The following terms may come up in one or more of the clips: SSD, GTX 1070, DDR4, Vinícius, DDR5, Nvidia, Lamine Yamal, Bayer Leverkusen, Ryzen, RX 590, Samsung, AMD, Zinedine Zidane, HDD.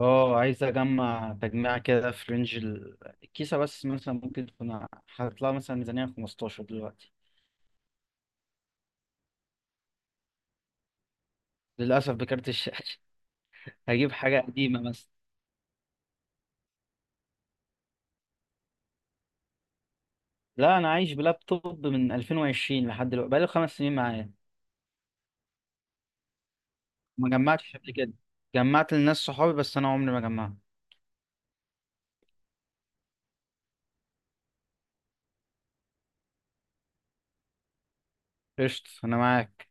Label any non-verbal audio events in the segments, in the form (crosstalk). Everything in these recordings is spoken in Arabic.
اه عايز اجمع تجميع كده في رينج الكيسة. بس مثلا ممكن تكون هتطلع مثلا ميزانية 15 دلوقتي. للأسف بكارت الشاشة. (laughs) هجيب حاجة قديمة مثلا. لا، أنا عايش بلابتوب من 2020 لحد دلوقتي، بقالي 5 سنين معايا. ما جمعتش قبل كده. جمعت لناس صحابي بس أنا عمري ما جمعت. قشطة، أنا معاك.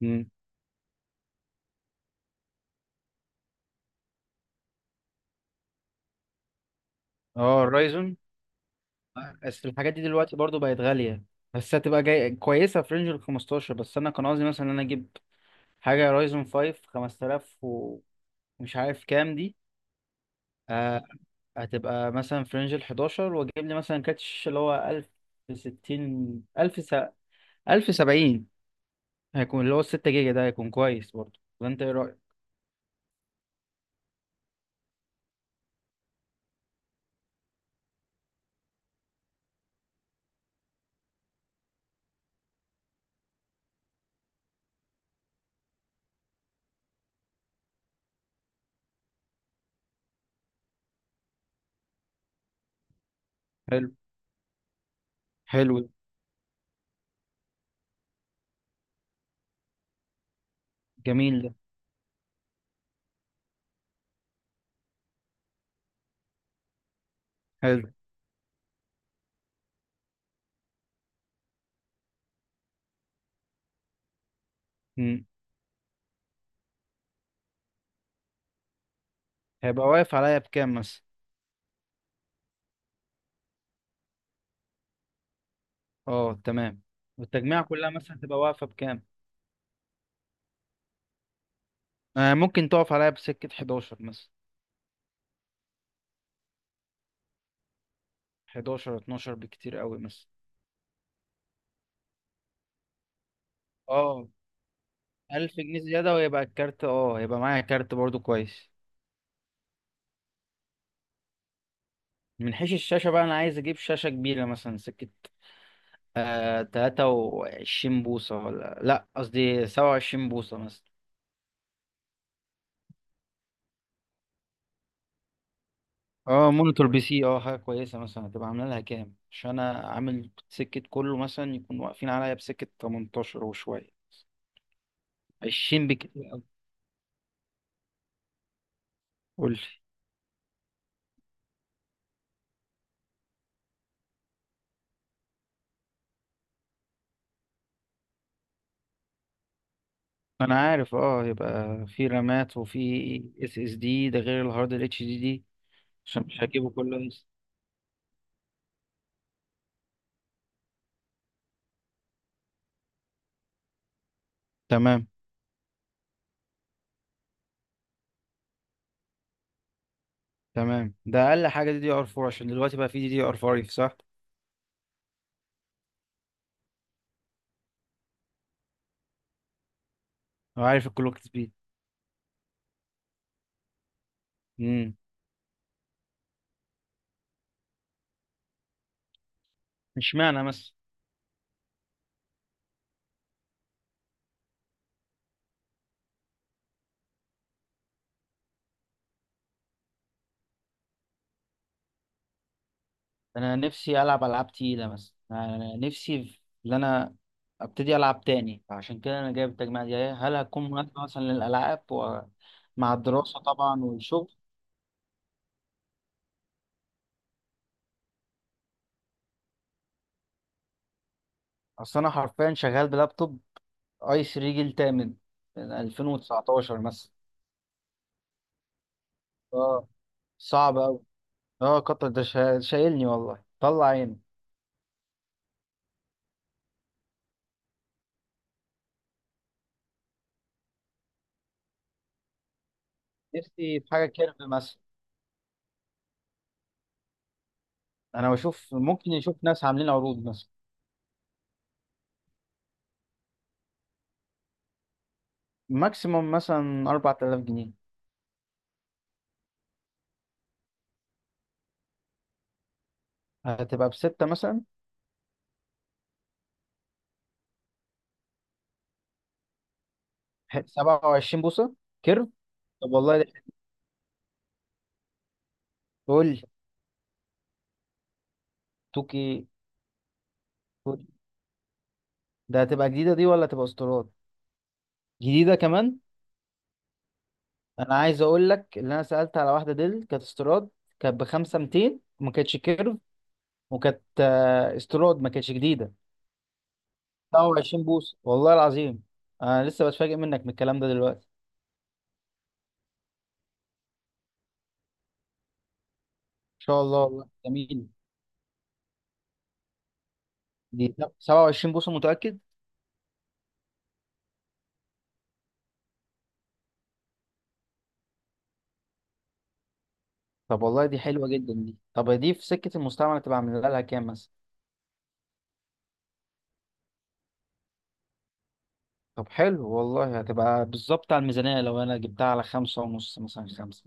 مم. اه، الرايزون. بس الحاجات دي دلوقتي برضو بقت غالية. بس هتبقى جاي كويسة في رينج ال 15، بس أنا كان قصدي مثلا إن أنا أجيب حاجة رايزون 5 5000، مش عارف كام دي. آه. هتبقى مثلا في رينج ال 11 واجيب لي مثلا كاتش اللي هو 1060، 1000 1070. هيكون اللي هو ال 6 جيجا، ده هيكون كويس برضه ولا انت ايه رأيك؟ حلو. حلو. جميل ده. حلو. مم. هيبقى واقف عليا بكام مثلا؟ اه تمام. والتجميع كلها مثلا تبقى واقفة بكام؟ آه، ممكن تقف عليا بسكة 11 مثلا. 11 12 بكتير قوي مثلا. اه، 1000 جنيه زيادة ويبقى الكارت هيبقى معايا كارت برضه كويس. من حيث الشاشة بقى، أنا عايز أجيب شاشة كبيرة مثلا سكة آه 23 بوصة، ولا لأ، قصدي 27 بوصة مثلا. اه، مونيتور بي سي، اه حاجة كويسة. مثلا هتبقى عاملة لها كام؟ عشان أنا عامل سكة كله مثلا يكون واقفين عليا بسكة 18 وشوية. 20 بكتير أوي. قول لي. أنا عارف، اه، يبقى في رامات وفي اس اس دي، ده غير الهارد ال اتش دي دي. عشان مش هجيبه كله لسه. تمام. تمام، ده أقل حاجة دي دي ار 4 عشان دلوقتي بقى في دي دي ار 5، صح؟ وعارف الكلوك سبيد. امم اشمعنى مثلا. انا نفسي العب العاب تقيله، مثلا انا نفسي ان انا ابتدي العب تاني، فعشان كده انا جايب التجميع دي. هل هتكون مناسبه مثلا للالعاب ومع الدراسه طبعا والشغل؟ اصل انا حرفيا شغال بلابتوب اي 3 جيل تامن من 2019 مثلا. اه. صعب قوي. اه، قطر ده شايلني، والله طلع عيني. نفسي في حاجه كيرف مثلا. انا بشوف، ممكن يشوف ناس عاملين عروض مثلا. ماكسيموم مثلا 4000 جنيه. هتبقى بستة مثلا. 27 بوصة كيرف. طب والله. قول لي. توكي. قول. ده هتبقى جديدة دي ولا هتبقى استيراد؟ جديدة كمان. أنا عايز أقول لك، اللي أنا سألت على واحدة ديل كانت استيراد. كانت بخمسة ميتين وما كانتش كيرف. وكانت استيراد، ما كانتش جديدة. 27 بوصة والله العظيم. أنا لسه بتفاجئ منك من الكلام ده دلوقتي. إن شاء الله، والله جميل. دي 27 بوصة متأكد؟ طب والله دي حلوة جدا دي. طب دي في سكة المستعمل تبقى عاملة لها كام مثلا؟ طب حلو والله، هتبقى بالظبط على الميزانية لو أنا جبتها على خمسة ونص مثلا، خمسة.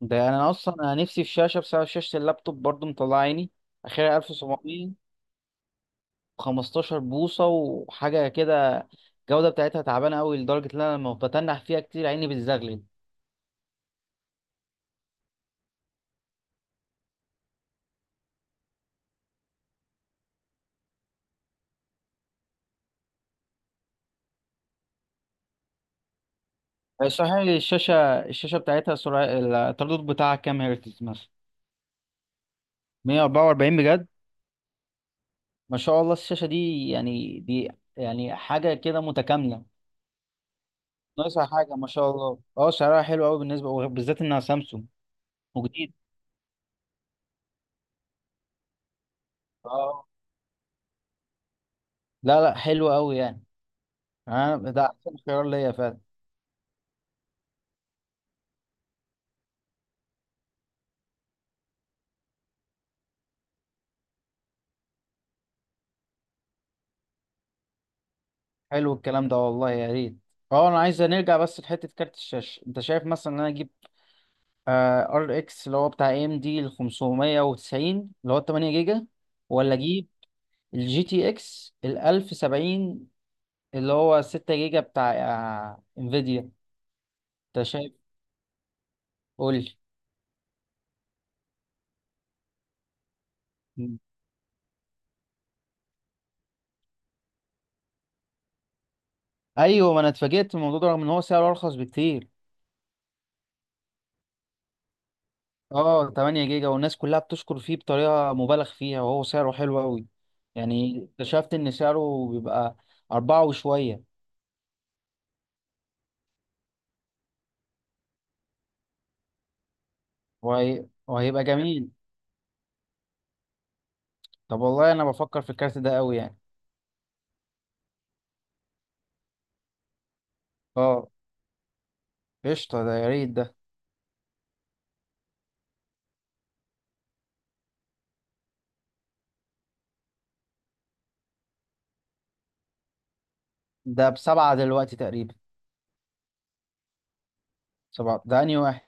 ده يعني أنا أصلا أنا نفسي في شاشة، بسبب شاشة اللابتوب برضو مطلع عيني. آخرها 1700 و15 بوصة وحاجة كده. الجودة بتاعتها تعبانة أوي لدرجة إن أنا لما بتنح فيها كتير عيني بتزغلل. آه، صحيح، الشاشة. الشاشة بتاعتها سرعة التردد بتاعها كام هرتز مثلا؟ 144 بجد؟ ما شاء الله، الشاشة دي يعني دي، يعني حاجة كده متكاملة. ناقصها حاجة ما شاء الله. اه سعرها حلو قوي بالنسبة، وبالذات انها سامسونج. وجديد. اه. لا لا، حلو قوي يعني. انا ده احسن خيار ليا فعلا. حلو الكلام ده والله، يا ريت. اه، انا عايز نرجع بس لحتة كارت الشاشة. انت شايف مثلا ان انا اجيب ار اكس اللي هو بتاع اي ام دي ال 590 اللي هو 8 جيجا، ولا اجيب الجي تي اكس ال 1070 اللي هو 6 جيجا، بتاع انفيديا؟ انت شايف. قول لي. ايوه، ما انا اتفاجئت من الموضوع ده رغم ان هو سعره ارخص بكتير. اه، 8 جيجا، والناس كلها بتشكر فيه بطريقة مبالغ فيها وهو سعره حلو قوي. يعني اكتشفت ان سعره بيبقى أربعة وشوية. وهيبقى جميل. طب والله انا بفكر في الكارت ده قوي يعني. اه. قشطة، ده يا ريت ده. ده بسبعة دلوقتي تقريبا. سبعة ده انهي واحد؟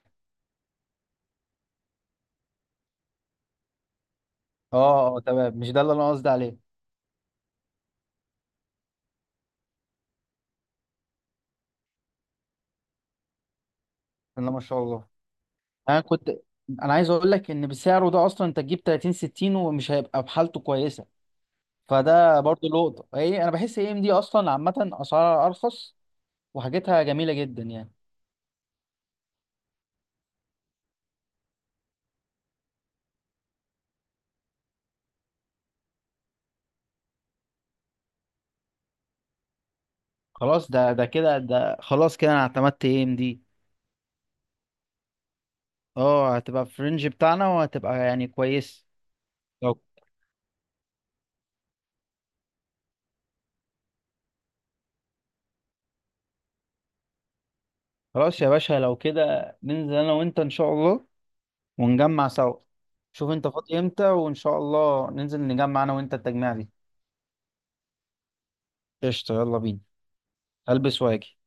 اه اه تمام، مش ده اللي انا قصدي عليه. بسم الله ما شاء الله. انا كنت انا عايز اقول لك ان بسعره ده اصلا انت تجيب 30 60 ومش هيبقى بحالته كويسة. فده برضه لقطة. ايه، انا بحس اي ام دي اصلا عامة اسعارها ارخص وحاجتها جميلة جدا يعني. خلاص، ده كده ده خلاص كده، انا اعتمدت اي ام دي. اه، هتبقى في الرينج بتاعنا وهتبقى يعني كويس. لو خلاص يا باشا، لو كده ننزل انا وانت ان شاء الله ونجمع سوا. شوف انت فاضي امتى، وان شاء الله ننزل نجمع انا وانت التجميع دي. قشطة، يلا بينا. البس واجي.